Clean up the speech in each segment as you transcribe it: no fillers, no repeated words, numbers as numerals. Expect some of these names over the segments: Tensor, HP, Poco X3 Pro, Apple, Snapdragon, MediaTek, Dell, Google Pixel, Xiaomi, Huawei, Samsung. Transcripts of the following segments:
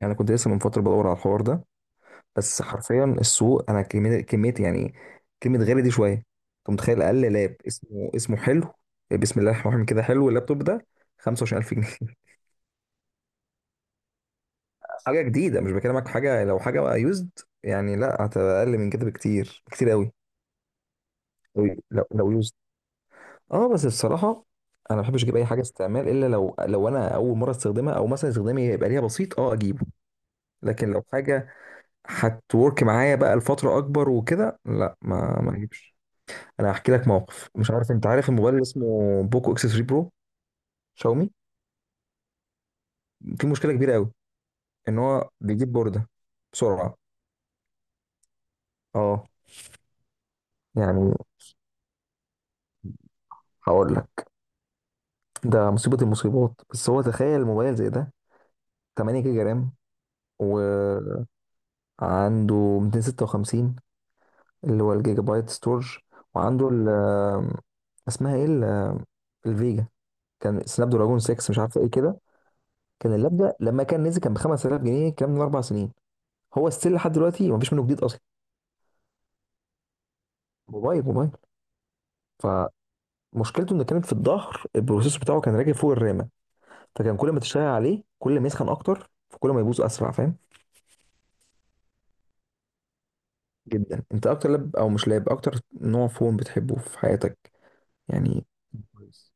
يعني انا كنت لسه من فتره بدور على الحوار ده. بس حرفيا السوق انا كميه كميه، يعني كلمه غالي دي شويه. انت متخيل اقل لاب اسمه حلو؟ بسم الله الرحمن الرحيم، كده حلو اللابتوب ده 25000 جنيه؟ حاجه جديده، مش بكلمك في حاجه لو حاجه بقى يوزد. يعني لا، هتبقى اقل من كده بكتير، كتير قوي. لو يوزد. اه بس بصراحه انا ما بحبش اجيب اي حاجه استعمال، الا لو انا اول مره استخدمها، او مثلا استخدامي يبقى ليها بسيط اه اجيبه. لكن لو حاجه هتورك معايا بقى لفترة أكبر وكده، لا ما أجيبش. أنا هحكي لك موقف. مش عارف أنت عارف الموبايل اللي اسمه بوكو إكس 3 برو؟ شاومي. في مشكلة كبيرة أوي، إن هو بيجيب بوردة بسرعة. أه. يعني هقول لك، ده مصيبة المصيبات. بس هو تخيل موبايل زي ده 8 جيجا رام، وعنده 256 اللي هو الجيجا بايت ستورج، وعنده ال، اسمها ايه ال- الفيجا، كان سناب دراجون 6 مش عارفه ايه كده. كان اللاب ده لما كان نزل كان ب 5000 جنيه، الكلام ده من 4 سنين. هو ستيل لحد دلوقتي، مفيش منه جديد اصلا. موبايل موبايل. فمشكلته انه كانت في الظهر البروسيسور بتاعه كان راكب فوق الرامه، فكان كل ما تشتغل عليه كل ما يسخن اكتر، فكل ما يبوظ اسرع، فاهم. جدا. انت اكتر لاب، او مش لاب، اكتر نوع فون بتحبه في حياتك؟ يعني كويس.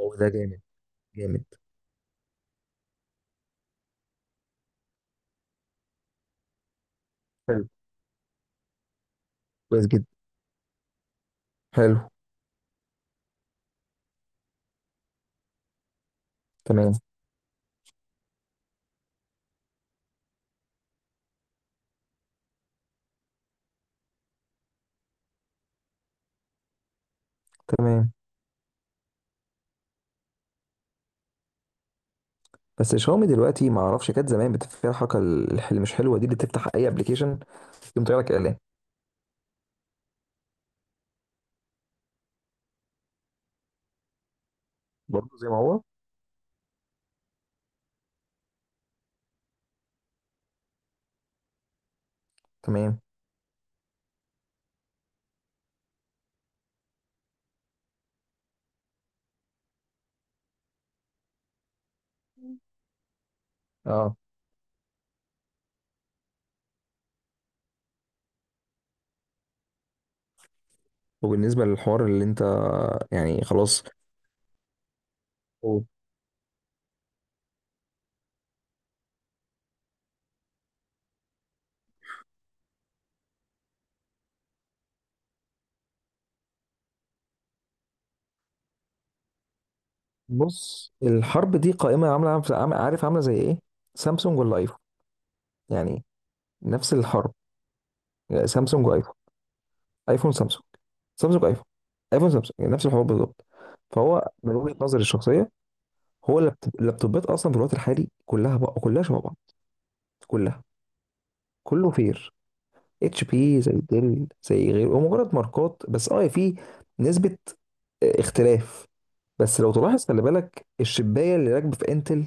هو ده جامد. جامد. حلو. كويس جدا. حلو. تمام. تمام. بس شاومي دلوقتي ما اعرفش، كانت زمان بتبقى فيها الحركه اللي مش حلوه دي، اللي تفتح اي ابلكيشن يقوم طالع لك اعلان. برضه زي ما هو. تمام. مم. اه. وبالنسبة للحوار اللي انت، يعني خلاص هو، بص الحرب دي قائمة عارف عاملة زي ايه؟ سامسونج ولا ايفون؟ يعني نفس الحرب، يعني سامسونج وايفون، ايفون سامسونج، سامسونج ايفون، ايفون سامسونج، يعني نفس الحوار بالظبط. فهو من وجهة نظري الشخصية، هو اللابتوبات اصلا في الوقت الحالي كلها، بقى كلها شبه بعض. كلها. كله فير. اتش بي زي ديل زي غيره، هو مجرد ماركات. بس اه في نسبة اختلاف. بس لو تلاحظ، خلي بالك الشبايه اللي راكبه في انتل،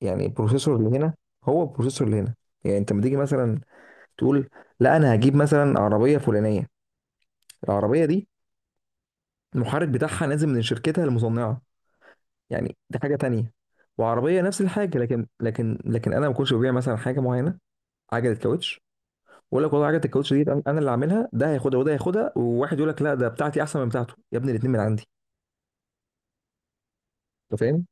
يعني البروسيسور اللي هنا هو البروسيسور اللي هنا. يعني انت لما تيجي مثلا تقول لا انا هجيب مثلا عربيه فلانيه، العربيه دي المحرك بتاعها نازل من شركتها المصنعه، يعني دي حاجه تانية. وعربيه نفس الحاجه، لكن انا ما كنتش ببيع مثلا حاجه معينه، عجله كاوتش، واقول لك والله عجله الكاوتش دي أنا اللي عاملها، ده هياخدها وده هياخدها، وواحد يقول لك لا ده بتاعتي احسن من بتاعته، يا ابني الاثنين من عندي. انت فاهم؟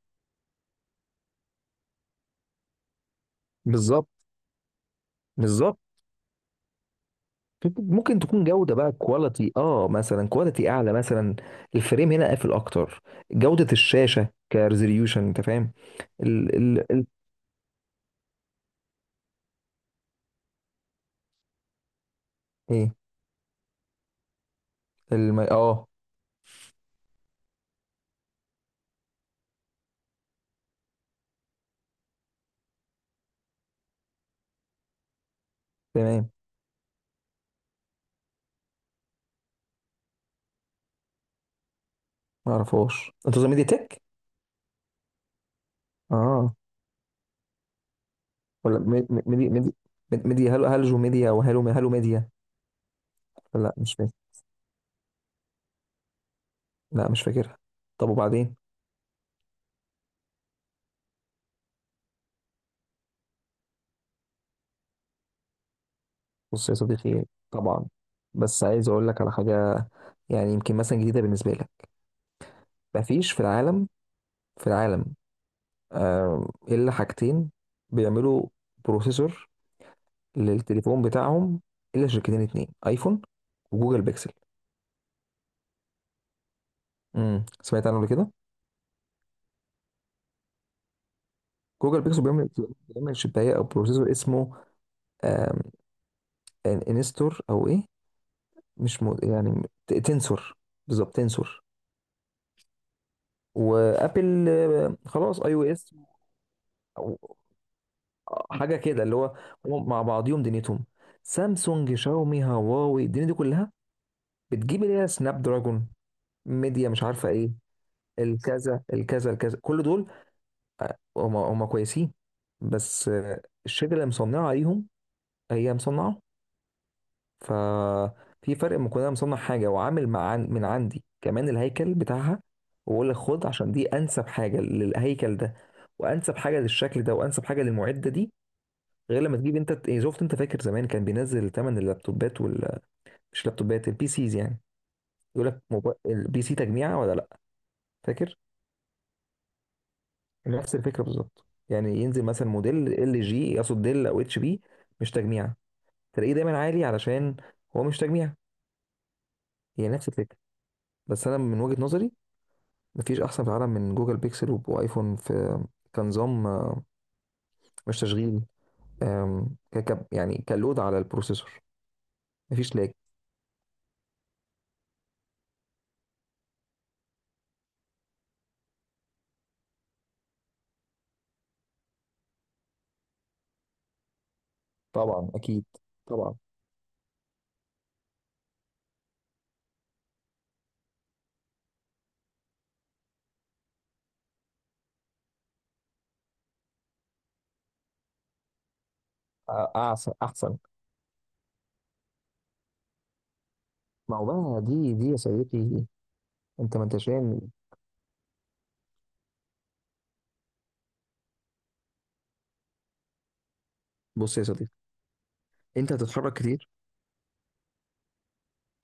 بالظبط. بالظبط. ممكن تكون جودة بقى، كواليتي اه مثلا كواليتي اعلى مثلا، الفريم هنا قافل اكتر، جودة الشاشة كريزوليوشن، انت فاهم. ال ايه؟ اه. تمام. ما اعرفهاش، انت قصدك ميديا تك؟ اه. ولا ميديا هلو، ميديا، او هلو ميديا. لا مش فاكر. لا مش فاكرها. طب وبعدين؟ بص يا صديقي، طبعا، بس عايز اقول لك على حاجة، يعني يمكن مثلا جديدة بالنسبة لك. مفيش في العالم، في العالم، إلا حاجتين بيعملوا بروسيسور للتليفون بتاعهم، إلا شركتين اتنين، أيفون وجوجل بيكسل. سمعت عنه قبل كده. جوجل بيكسل بيعمل، بيعمل شباية أو بروسيسور اسمه، آم، انستور أو إيه، مش مو، يعني تنسور. بالظبط تنسور. وأبل خلاص iOS أو حاجة كده، اللي هو هم مع بعضيهم دنيتهم. سامسونج، شاومي، هواوي، الدنيا دي كلها بتجيب اللي هي سناب دراجون، ميديا مش عارفة إيه، الكذا الكذا الكذا، كل دول هم هم كويسين. بس الشركه اللي مصنعه عليهم هي مصنعه، ففي فرق ما كنا مصنع حاجه، وعامل مع من عندي كمان الهيكل بتاعها، واقول لك خد، عشان دي انسب حاجه للهيكل ده، وانسب حاجه للشكل ده، وانسب حاجه للمعده دي. غير لما تجيب انت إيه، شفت انت فاكر زمان كان بينزل ثمن اللابتوبات وال، مش لابتوبات، البي سيز يعني، يقول لك البي سي تجميعه ولا لا، فاكر؟ نفس الفكره بالظبط، يعني ينزل مثلا موديل ال جي، يقصد ديل او اتش بي، مش تجميع، تلاقيه دايما عالي علشان هو مش تجميع. هي نفس الفكره. بس انا من وجهه نظري، مفيش احسن في العالم من جوجل بيكسل وايفون في، كنظام مش تشغيل، يعني كلود على البروسيسور، مفيش لاج. طبعا اكيد. طبعا احسن. احسن. ما هو، بقى دي يا صديقي، انت ما انتش فاهم. بص يا صديقي، انت هتتحرك كتير؟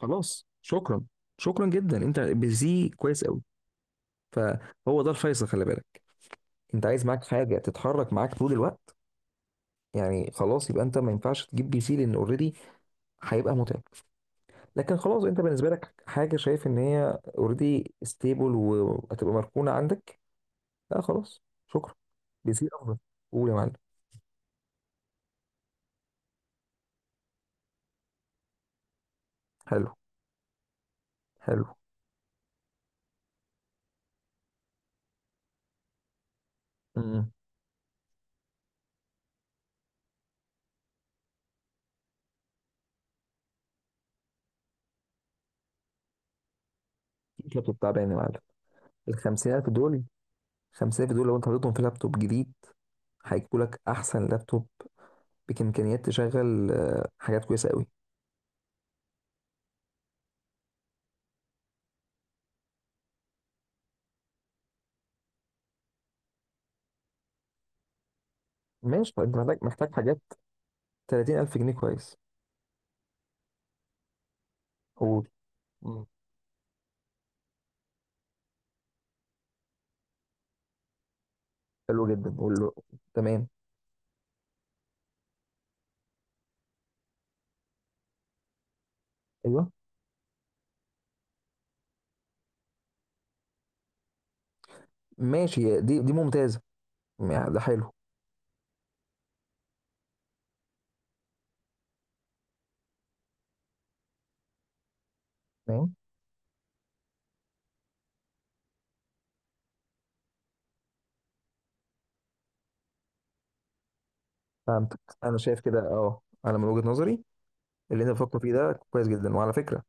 خلاص شكرا. شكرا جدا، انت بزي كويس قوي. فهو ده الفيصل، خلي بالك. انت عايز معاك حاجه تتحرك معاك طول الوقت، يعني خلاص يبقى انت ما ينفعش تجيب PC، لان اوريدي هيبقى متعب. لكن خلاص انت بالنسبه لك حاجه شايف ان هي اوريدي ستيبل، وهتبقى مركونه عندك. لا خلاص شكرا. بي سي افضل. قول يا معلم. حلو. حلو. امم لابتوب تعبان يا معلم. ال 50000 دول، 50000 دول لو انت حطيتهم في لابتوب جديد هيجيبوا لك احسن لابتوب، بامكانيات تشغل حاجات كويسه قوي. ماشي. طب انت محتاج، حاجات 30 ألف جنيه، كويس. قول. مم. حلو جدا، قول له. تمام. أيوه. ماشي دي ممتازة. يعني ده حلو. تمام. فهمتك، أنا شايف كده أه، أنا من وجهة نظري اللي أنت بتفكر فيه ده كويس جدا، وعلى فكرة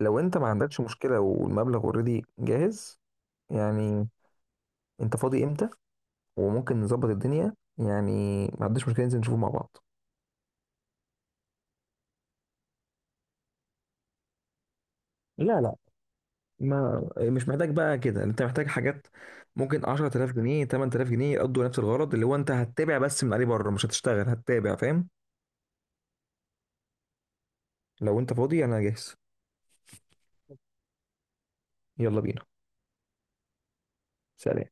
لو أنت ما عندكش مشكلة والمبلغ أوريدي جاهز، يعني أنت فاضي إمتى؟ وممكن نظبط الدنيا، يعني ما عنديش مشكلة ننزل نشوفه مع بعض. لا، لا. ما مش محتاج بقى كده، انت محتاج حاجات ممكن 10000 جنيه 8000 جنيه يقضوا نفس الغرض، اللي هو انت هتتابع بس من عليه بره، مش هتشتغل هتتابع، فاهم. لو انت فاضي انا جاهز. يلا بينا. سلام.